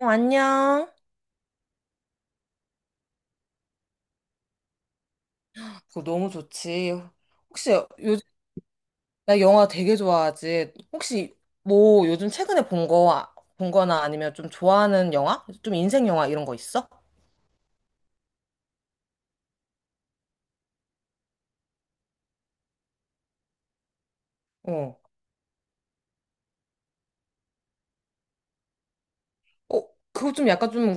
어, 안녕. 그거 너무 좋지. 혹시 요즘 나 영화 되게 좋아하지. 혹시 뭐 요즘 최근에 본 거, 본 거나 아니면 좀 좋아하는 영화? 좀 인생 영화 이런 거 있어? 어. 어, 그거 좀 약간 좀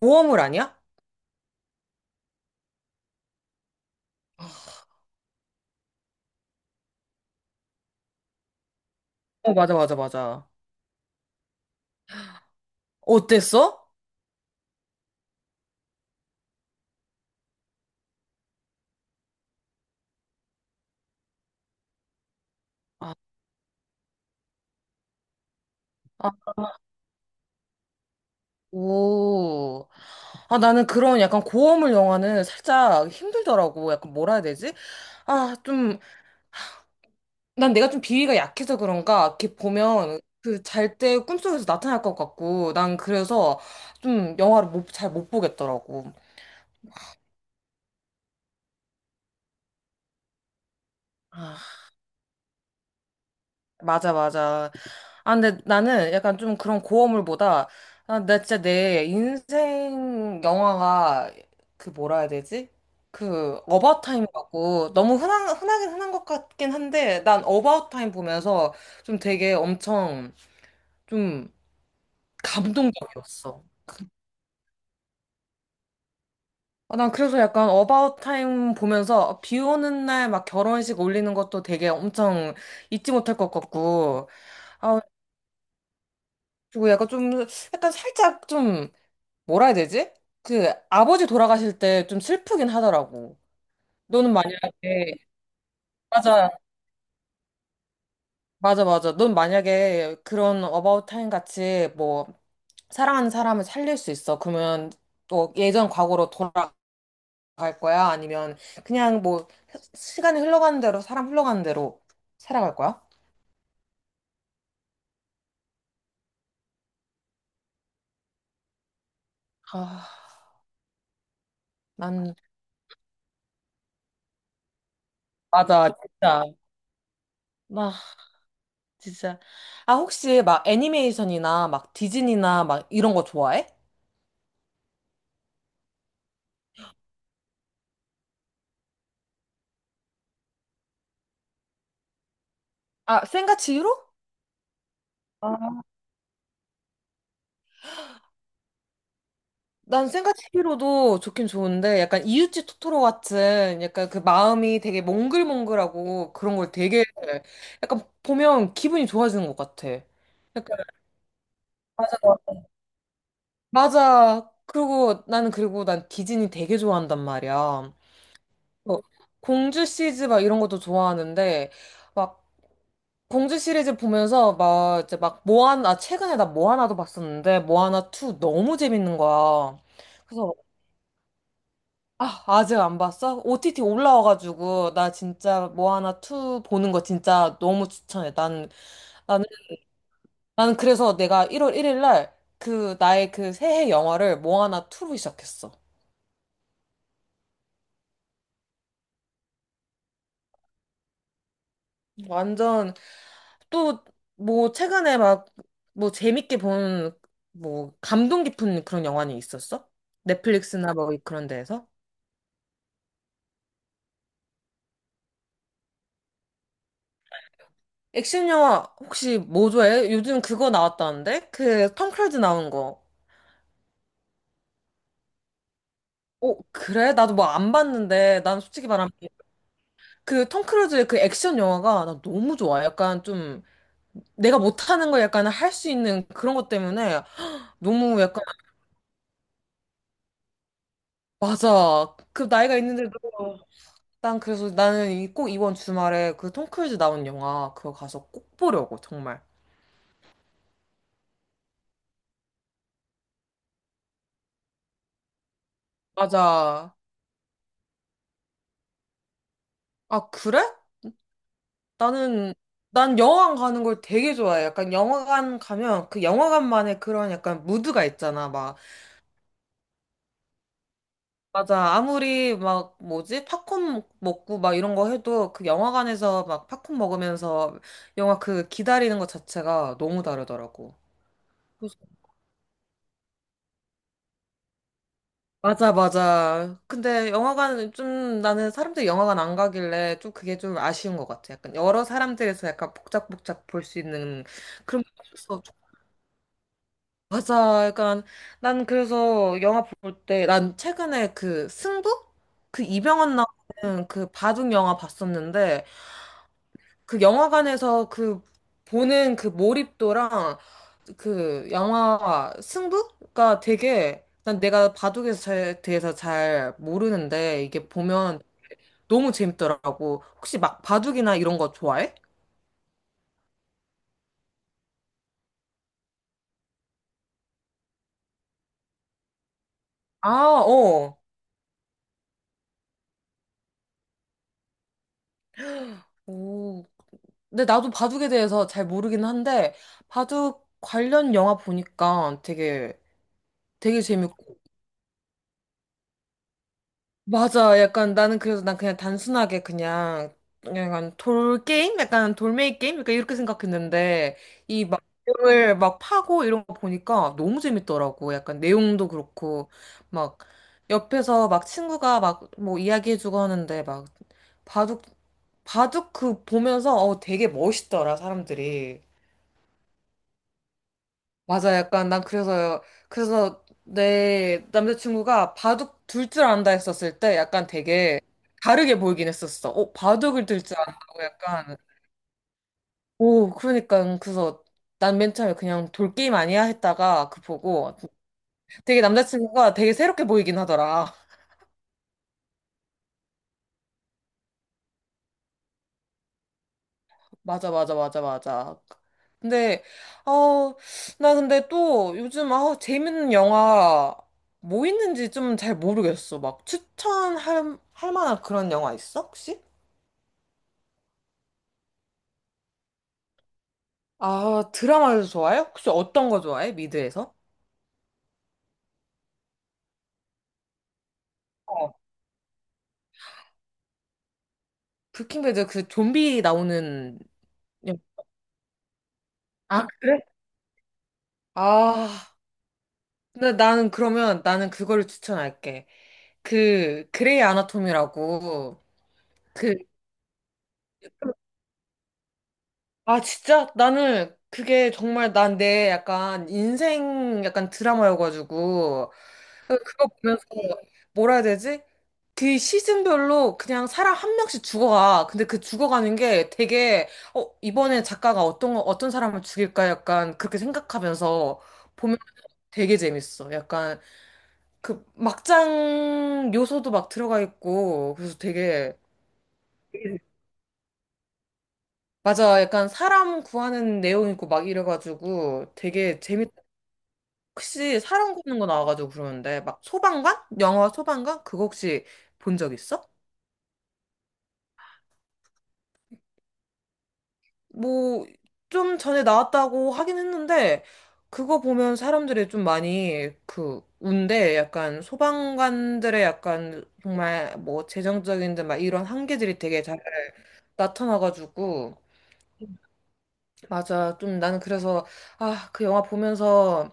고어물 아니야? 어, 맞아, 맞아, 맞아. 어땠어? 아, 아, 오. 아, 나는 그런 약간 고어물 영화는 살짝 힘들더라고. 약간 뭐라 해야 되지? 아, 좀. 난 내가 좀 비위가 약해서 그런가, 이렇게 보면 그 잘 때 꿈속에서 나타날 것 같고, 난 그래서 좀 영화를 못, 잘 못 보겠더라고. 아, 맞아, 맞아. 아, 근데 나는 약간 좀 그런 고어물보다, 아, 나 진짜 내 인생 영화가 그 뭐라 해야 되지? 그 어바웃 타임이라고 너무 흔한 흔하긴 흔한 것 같긴 한데 난 어바웃 타임 보면서 좀 되게 엄청 좀 감동적이었어. 그 아, 난 그래서 약간 어바웃 타임 보면서 아, 비 오는 날 막 결혼식 올리는 것도 되게 엄청 잊지 못할 것 같고, 아, 그리고 약간 좀, 약간 살짝 좀, 뭐라 해야 되지? 그 아버지 돌아가실 때 좀 슬프긴 하더라고. 너는 만약에, 맞아, 맞아, 맞아. 넌 만약에 그런 어바웃 타임 같이 뭐, 사랑하는 사람을 살릴 수 있어. 그러면 또 예전 과거로 돌아가 갈 거야? 아니면 그냥 뭐 시간이 흘러가는 대로 사람 흘러가는 대로 살아갈 거야? 아, 난 맞아, 진짜. 나 진짜. 아, 혹시 막 애니메이션이나 막 디즈니나 막 이런 거 좋아해? 아, 센과 치히로? 아. 난 센과 치히로도 좋긴 좋은데 약간 이웃집 토토로 같은 약간 그 마음이 되게 몽글몽글하고 그런 걸 되게 약간 보면 기분이 좋아지는 것 같아. 약간 맞아. 그리고 난 디즈니 되게 좋아한단 말이야. 뭐 공주 시리즈 막 이런 것도 좋아하는데 막 공주 시리즈 보면서 막 이제 막 모아나 최근에 나 모아나도 봤었는데 모아나 2 너무 재밌는 거야. 그래서 아, 아직 안 봤어? OTT 올라와 가지고 나 진짜 모아나 2 보는 거 진짜 너무 추천해. 난 나는 나는 그래서 내가 1월 1일 날 그 나의 그 새해 영화를 모아나 2로 시작했어. 완전 또, 뭐, 최근에 막, 뭐, 재밌게 본, 뭐, 감동 깊은 그런 영화는 있었어? 넷플릭스나 뭐, 그런 데에서? 액션 영화 혹시 뭐 좋아해? 요즘 그거 나왔다는데? 그, 톰 크루즈 나온 거. 어, 그래? 나도 뭐 안 봤는데, 난 솔직히 말하면, 그, 톰 크루즈의 그 액션 영화가 나 너무 좋아. 약간 좀, 내가 못하는 걸 약간 할 수 있는 그런 것 때문에 너무 약간, 맞아. 그 나이가 있는데도, 난 그래서 나는 이- 꼭 이번 주말에 그 톰 크루즈 나온 영화 그거 가서 꼭 보려고 정말. 맞아. 아 그래? 나는 난 영화관 가는 걸 되게 좋아해. 약간 영화관 가면 그 영화관만의 그런 약간 무드가 있잖아. 막 맞아. 아무리 막 뭐지 팝콘 먹고 막 이런 거 해도 그 영화관에서 막 팝콘 먹으면서 영화 그 기다리는 것 자체가 너무 다르더라고. 맞아, 맞아. 근데 영화관은 좀 나는 사람들이 영화관 안 가길래 좀 그게 좀 아쉬운 것 같아. 약간 여러 사람들에서 약간 복작복작 볼 수 있는 그런 게 없어서. 맞아. 약간 난 그래서 영화 볼 때 난 최근에 그 승부? 그 이병헌 나오는 그 바둑 영화 봤었는데 그 영화관에서 그 보는 그 몰입도랑 그 영화 승부가 되게 난 내가 대해서 잘 모르는데 이게 보면 너무 재밌더라고. 혹시 막 바둑이나 이런 거 좋아해? 아, 어. 오. 근데 나도 바둑에 대해서 잘 모르긴 한데 바둑 관련 영화 보니까 되게 되게 재밌고 맞아. 약간 나는 그래서 난 그냥 단순하게 그냥 약간 돌 게임, 약간 돌메이 게임, 그러니까 이렇게 생각했는데 이 막 내용을 막 파고 이런 거 보니까 너무 재밌더라고. 약간 내용도 그렇고 막 옆에서 막 친구가 막 뭐 이야기해주고 하는데 막 바둑 바둑 그 보면서 어 되게 멋있더라 사람들이. 맞아, 약간 난 그래서 내 남자친구가 바둑 둘 줄 안다 했었을 때 약간 되게 다르게 보이긴 했었어. 어, 바둑을 둘 줄 안다고 약간 오, 그러니까 그래서 난 맨 처음에 그냥 돌게임 아니야 했다가 그 보고 되게 남자친구가 되게 새롭게 보이긴 하더라. 맞아, 맞아, 맞아, 맞아. 근데, 어, 나 근데 또 요즘, 아 재밌는 영화 뭐 있는지 좀 잘 모르겠어. 막 할 만한 그런 영화 있어, 혹시? 아, 드라마를 좋아해? 혹시 어떤 거 좋아해? 미드에서? 어. 브레이킹배드 그 좀비 나오는 영화. 아, 그래? 아, 근데 나는 그러면 나는 그거를 추천할게. 그, 그레이 아나토미라고 그 아, 진짜? 나는 그게 정말 난 내 약간 인생 약간 드라마여가지고 그거 보면서 뭐라 해야 되지? 그 시즌별로 그냥 사람 한 명씩 죽어가. 근데 그 죽어가는 게 되게 어, 이번에 작가가 어떤 사람을 죽일까 약간 그렇게 생각하면서 보면 되게 재밌어. 약간 그 막장 요소도 막 들어가 있고 그래서 되게 맞아. 약간 사람 구하는 내용 있고 막 이래가지고 되게 재밌 혹시 사람 굽는 거 나와가지고 그러는데 막 소방관? 영화 소방관? 그거 혹시 본 적 있어? 뭐 좀 전에 나왔다고 하긴 했는데 그거 보면 사람들이 좀 많이 그 운데 약간 소방관들의 약간 정말 뭐 재정적인 데막 이런 한계들이 되게 잘 나타나가지고 맞아 좀 나는 그래서 아 그 영화 보면서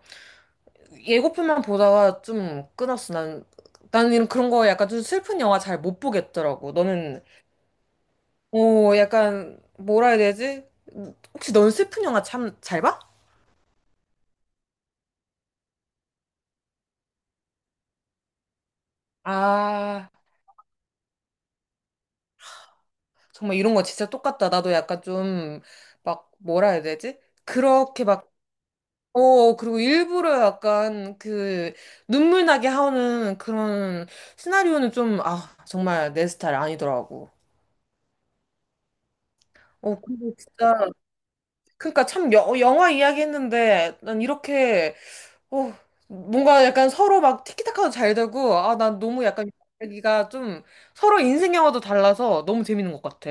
예고편만 보다가 좀 끊었어 난 나는 이런 그런 거 약간 좀 슬픈 영화 잘 못 보겠더라고. 너는 오, 약간, 뭐라 해야 되지? 혹시 넌 슬픈 영화 참 잘 봐? 아, 정말 이런 거 진짜 똑같다. 나도 약간 좀, 막, 뭐라 해야 되지? 그렇게 막, 어, 그리고 일부러 약간 그, 눈물 나게 하는 그런 시나리오는 좀, 아, 정말 내 스타일 아니더라고. 어, 근데 진짜, 그러니까 참 영화 이야기 했는데, 난 이렇게 어, 뭔가 약간 서로 막 티키타카도 잘 되고, 아, 난 너무 약간 여기가 좀 서로 인생 영화도 달라서 너무 재밌는 것 같아.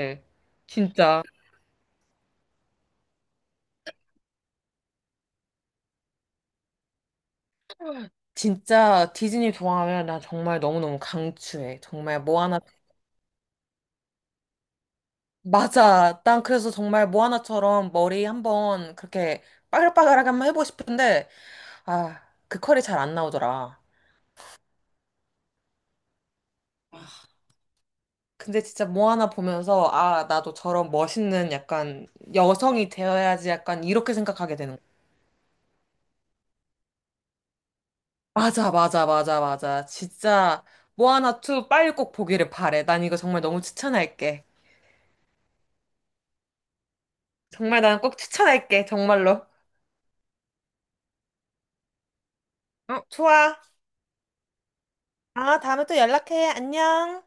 진짜. 진짜 디즈니 좋아하면 난 정말 너무너무 강추해. 정말 모아나. 맞아. 난 그래서 정말 모아나처럼 머리 한번 그렇게 빠글빠글하게 한번 해보고 싶은데, 아, 그 컬이 잘 안 나오더라. 근데 진짜 모아나 보면서, 아, 나도 저런 멋있는 약간 여성이 되어야지 약간 이렇게 생각하게 되는 맞아, 맞아, 맞아, 맞아. 진짜 모아나 2 빨리 꼭 보기를 바래. 난 이거 정말 너무 추천할게. 정말 난 꼭 추천할게. 정말로. 어, 좋아. 아, 다음에 또 연락해. 안녕.